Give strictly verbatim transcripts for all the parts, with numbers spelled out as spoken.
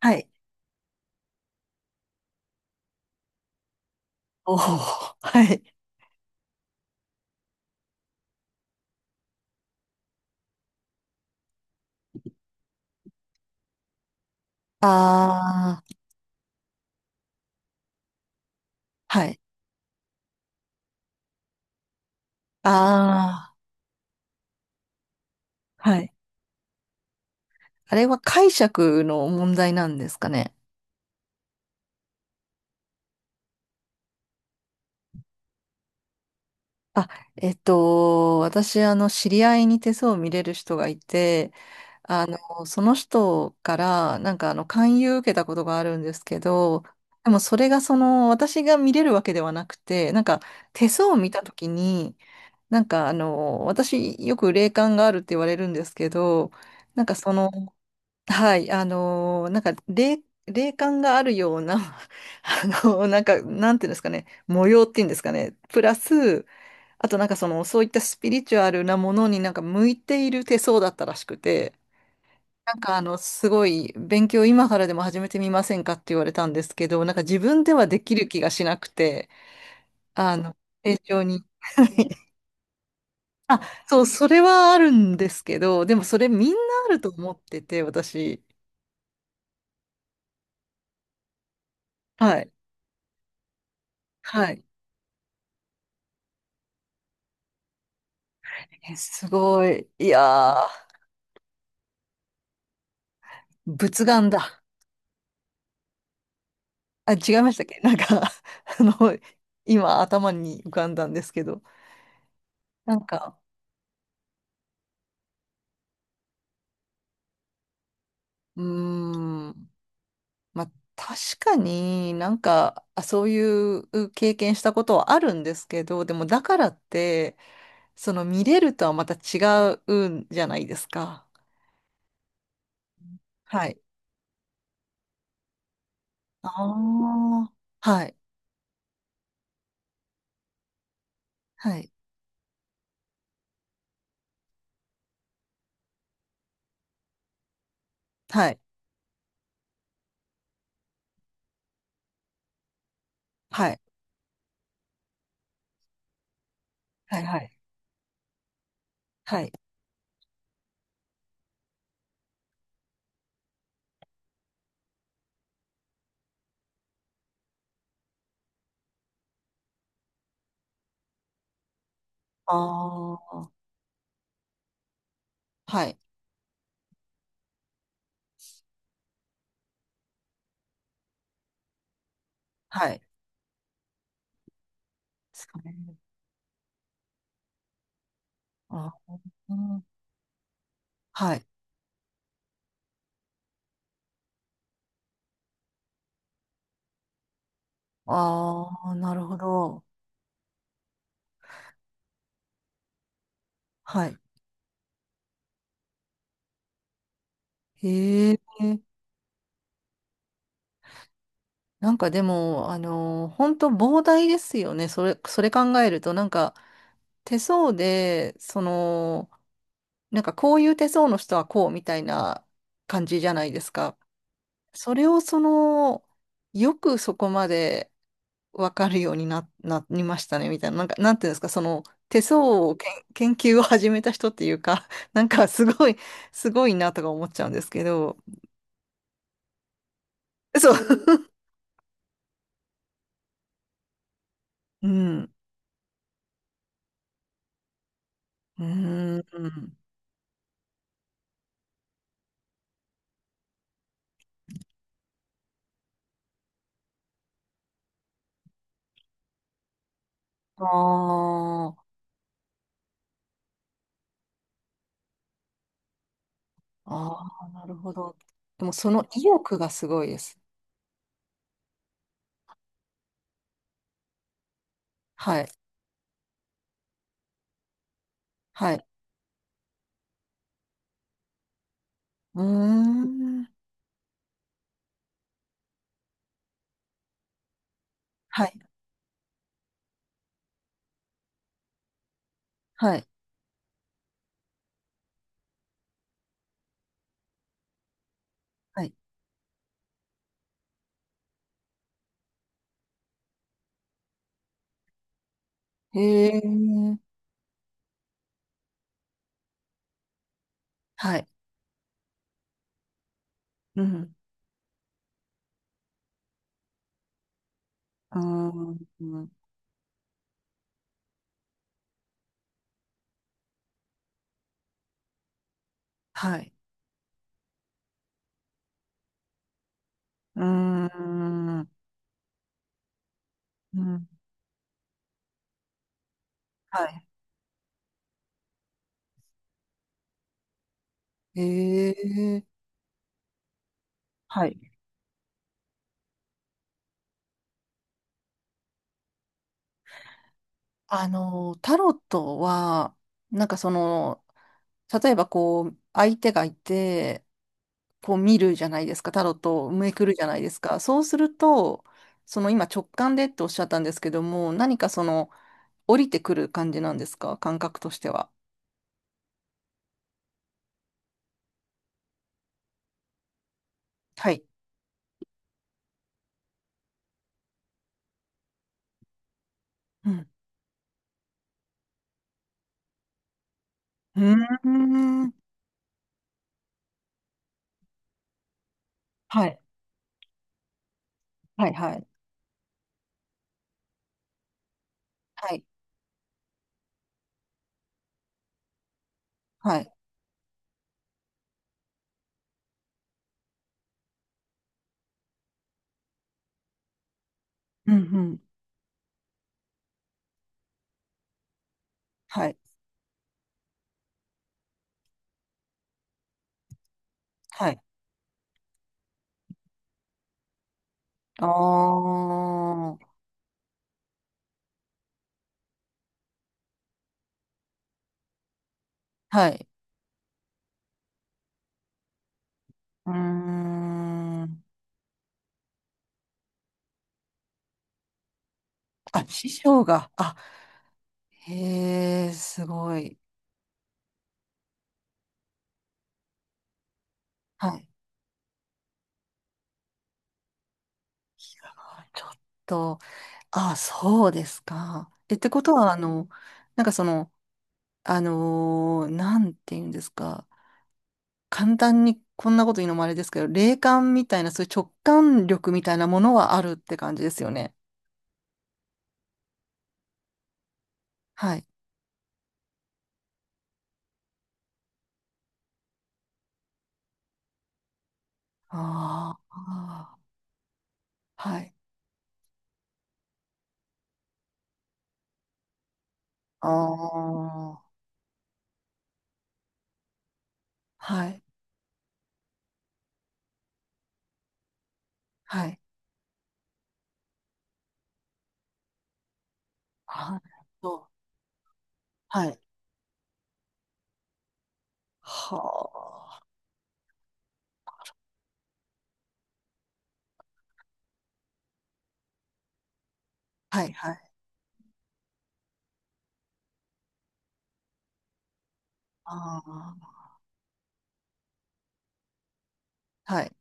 はい。おお、はい。ああ、はい。ああ、はい。あれは解釈の問題なんですかね。あ、えっと、私、あの、知り合いに手相を見れる人がいて、あの、その人から、なんか、あの、勧誘受けたことがあるんですけど、でも、それが、その、私が見れるわけではなくて、なんか、手相を見たときに、なんか、あの、私、よく霊感があるって言われるんですけど、なんかその、はい、あのーなんか霊、霊感があるような あのーなんか、なんていうんですかね、模様っていうんですかね、プラス、あとなんかその、そういったスピリチュアルなものになんか向いている手相だったらしくて、なんかあの、すごい勉強今からでも始めてみませんかって言われたんですけど、なんか自分ではできる気がしなくて、あの、成長に。あ、そう、それはあるんですけど、でもそれみんなあると思ってて、私。はい。はい。えすごい。いやー、仏眼だ。あ、違いましたっけ なんか あの、今頭に浮かんだんですけど。なんか、うーん、まあ、確かになんか、あ、そういう経験したことはあるんですけど、でもだからって、その見れるとはまた違うんじゃないですか。はい。ああ、はい、はい、はい、はい、はい、はい、はい。ああ、はい、はい。ですかね。あうんはい。ああ、なるほど。はい。へえ。なんかでも、あのー、本当膨大ですよね。それ、それ考えると、なんか手相で、その、なんかこういう手相の人はこうみたいな感じじゃないですか。それをその、よくそこまでわかるようにな、なりましたね、みたいな。なんか、なんていうんですか、その、手相をけん研究を始めた人っていうか、なんかすごい、すごいなとか思っちゃうんですけど。そう。うん。うーん。ああ、ああ、なるほど。でもその意欲がすごいです。はい。はい。うーん。はい。はい。はい。へえ。はい。うん。うーん。はい。うーん。うん。はい。へえ。はい。あの、タロットは、なんかその、例えばこう、相手がいて、こう見るじゃないですか、タロットをめくるじゃないですか。そうすると、その今直感でっておっしゃったんですけども、何かその降りてくる感じなんですか、感覚としては。はい。うん。うーん。はい。はい。はい。はい。はい。うん。うん。はい。はい。ああ。はい。うーん。あ、師匠が。あ、へえ、すごい。はい。ちょっと。あ、そうですか。え、ってことは、あの、なんかその、あのーなんて言うんですか。簡単にこんなこと言うのもあれですけど、霊感みたいな、そういう直感力みたいなものはあるって感じですよね。はい。ああ、はい。ああ、はい。はい。あ、そう。はい。はあ。はい、はい。ああ、はい。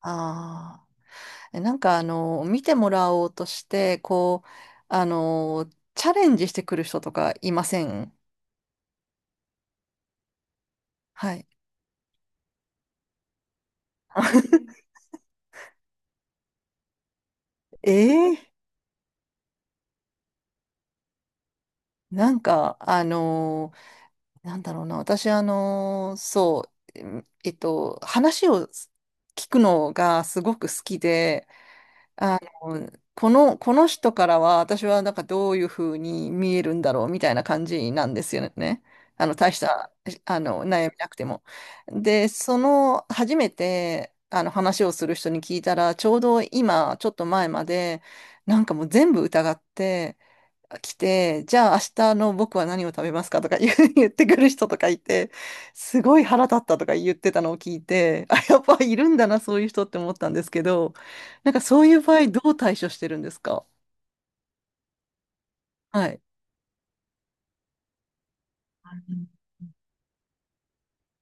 ああ。えなんかあの、見てもらおうとして、こう、あの、チャレンジしてくる人とかいません？はい。ええなんか、あのなんだろうな、私、あのそう、えっと、話を聞くのがすごく好きで、うん、この、この人からは私はなんかどういうふうに見えるんだろうみたいな感じなんですよね。あの大したあの悩みなくても。で、その初めてあの話をする人に聞いたらちょうど今ちょっと前までなんかもう全部疑って来て、じゃあ明日の僕は何を食べますかとか言う 言ってくる人とかいて、すごい腹立ったとか言ってたのを聞いて、あ、やっぱいるんだな、そういう人って思ったんですけど、なんかそういう場合どう対処してるんですか？はい。うん、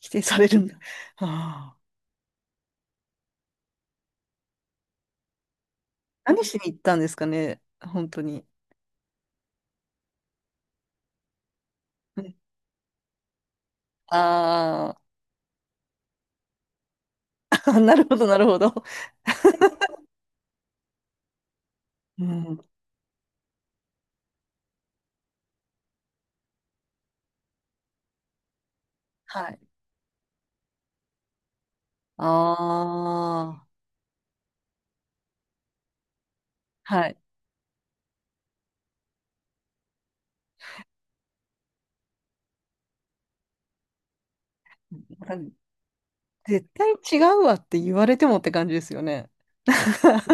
否定されるんだ。はあ、何しに行ったんですかね、本当に。ああー、なるほど、なるほど。うん。はい。ああ、はい。絶対違うわって言われてもって感じですよね。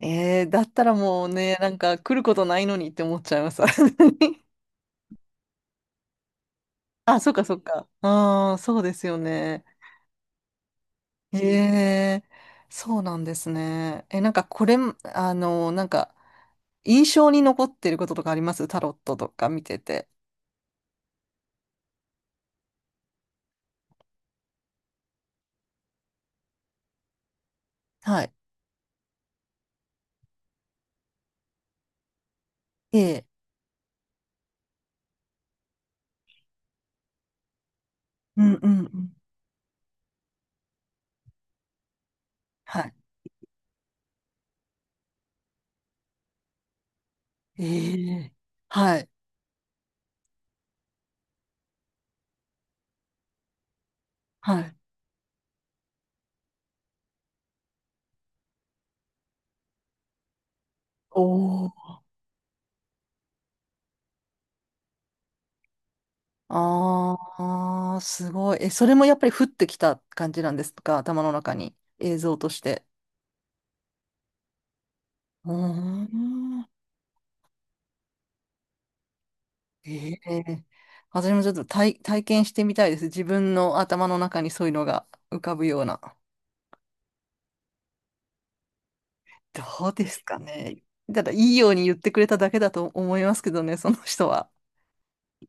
えー、だったらもうね、なんか来ることないのにって思っちゃいます。あ、そっかそっか。ああ、そうですよね。ええ、そうなんですね。え、なんかこれ、あの、なんか印象に残ってることとかありますタロットとか見てて？はい。ええ。うんうんうん。はい。ええ。はい。はい。おお。ああ、すごい。え、それもやっぱり降ってきた感じなんですか？頭の中に。映像として。うーん。ええ、私もちょっと体、体験してみたいです。自分の頭の中にそういうのが浮かぶような。どうですかね。ただ、いいように言ってくれただけだと思いますけどね、その人は。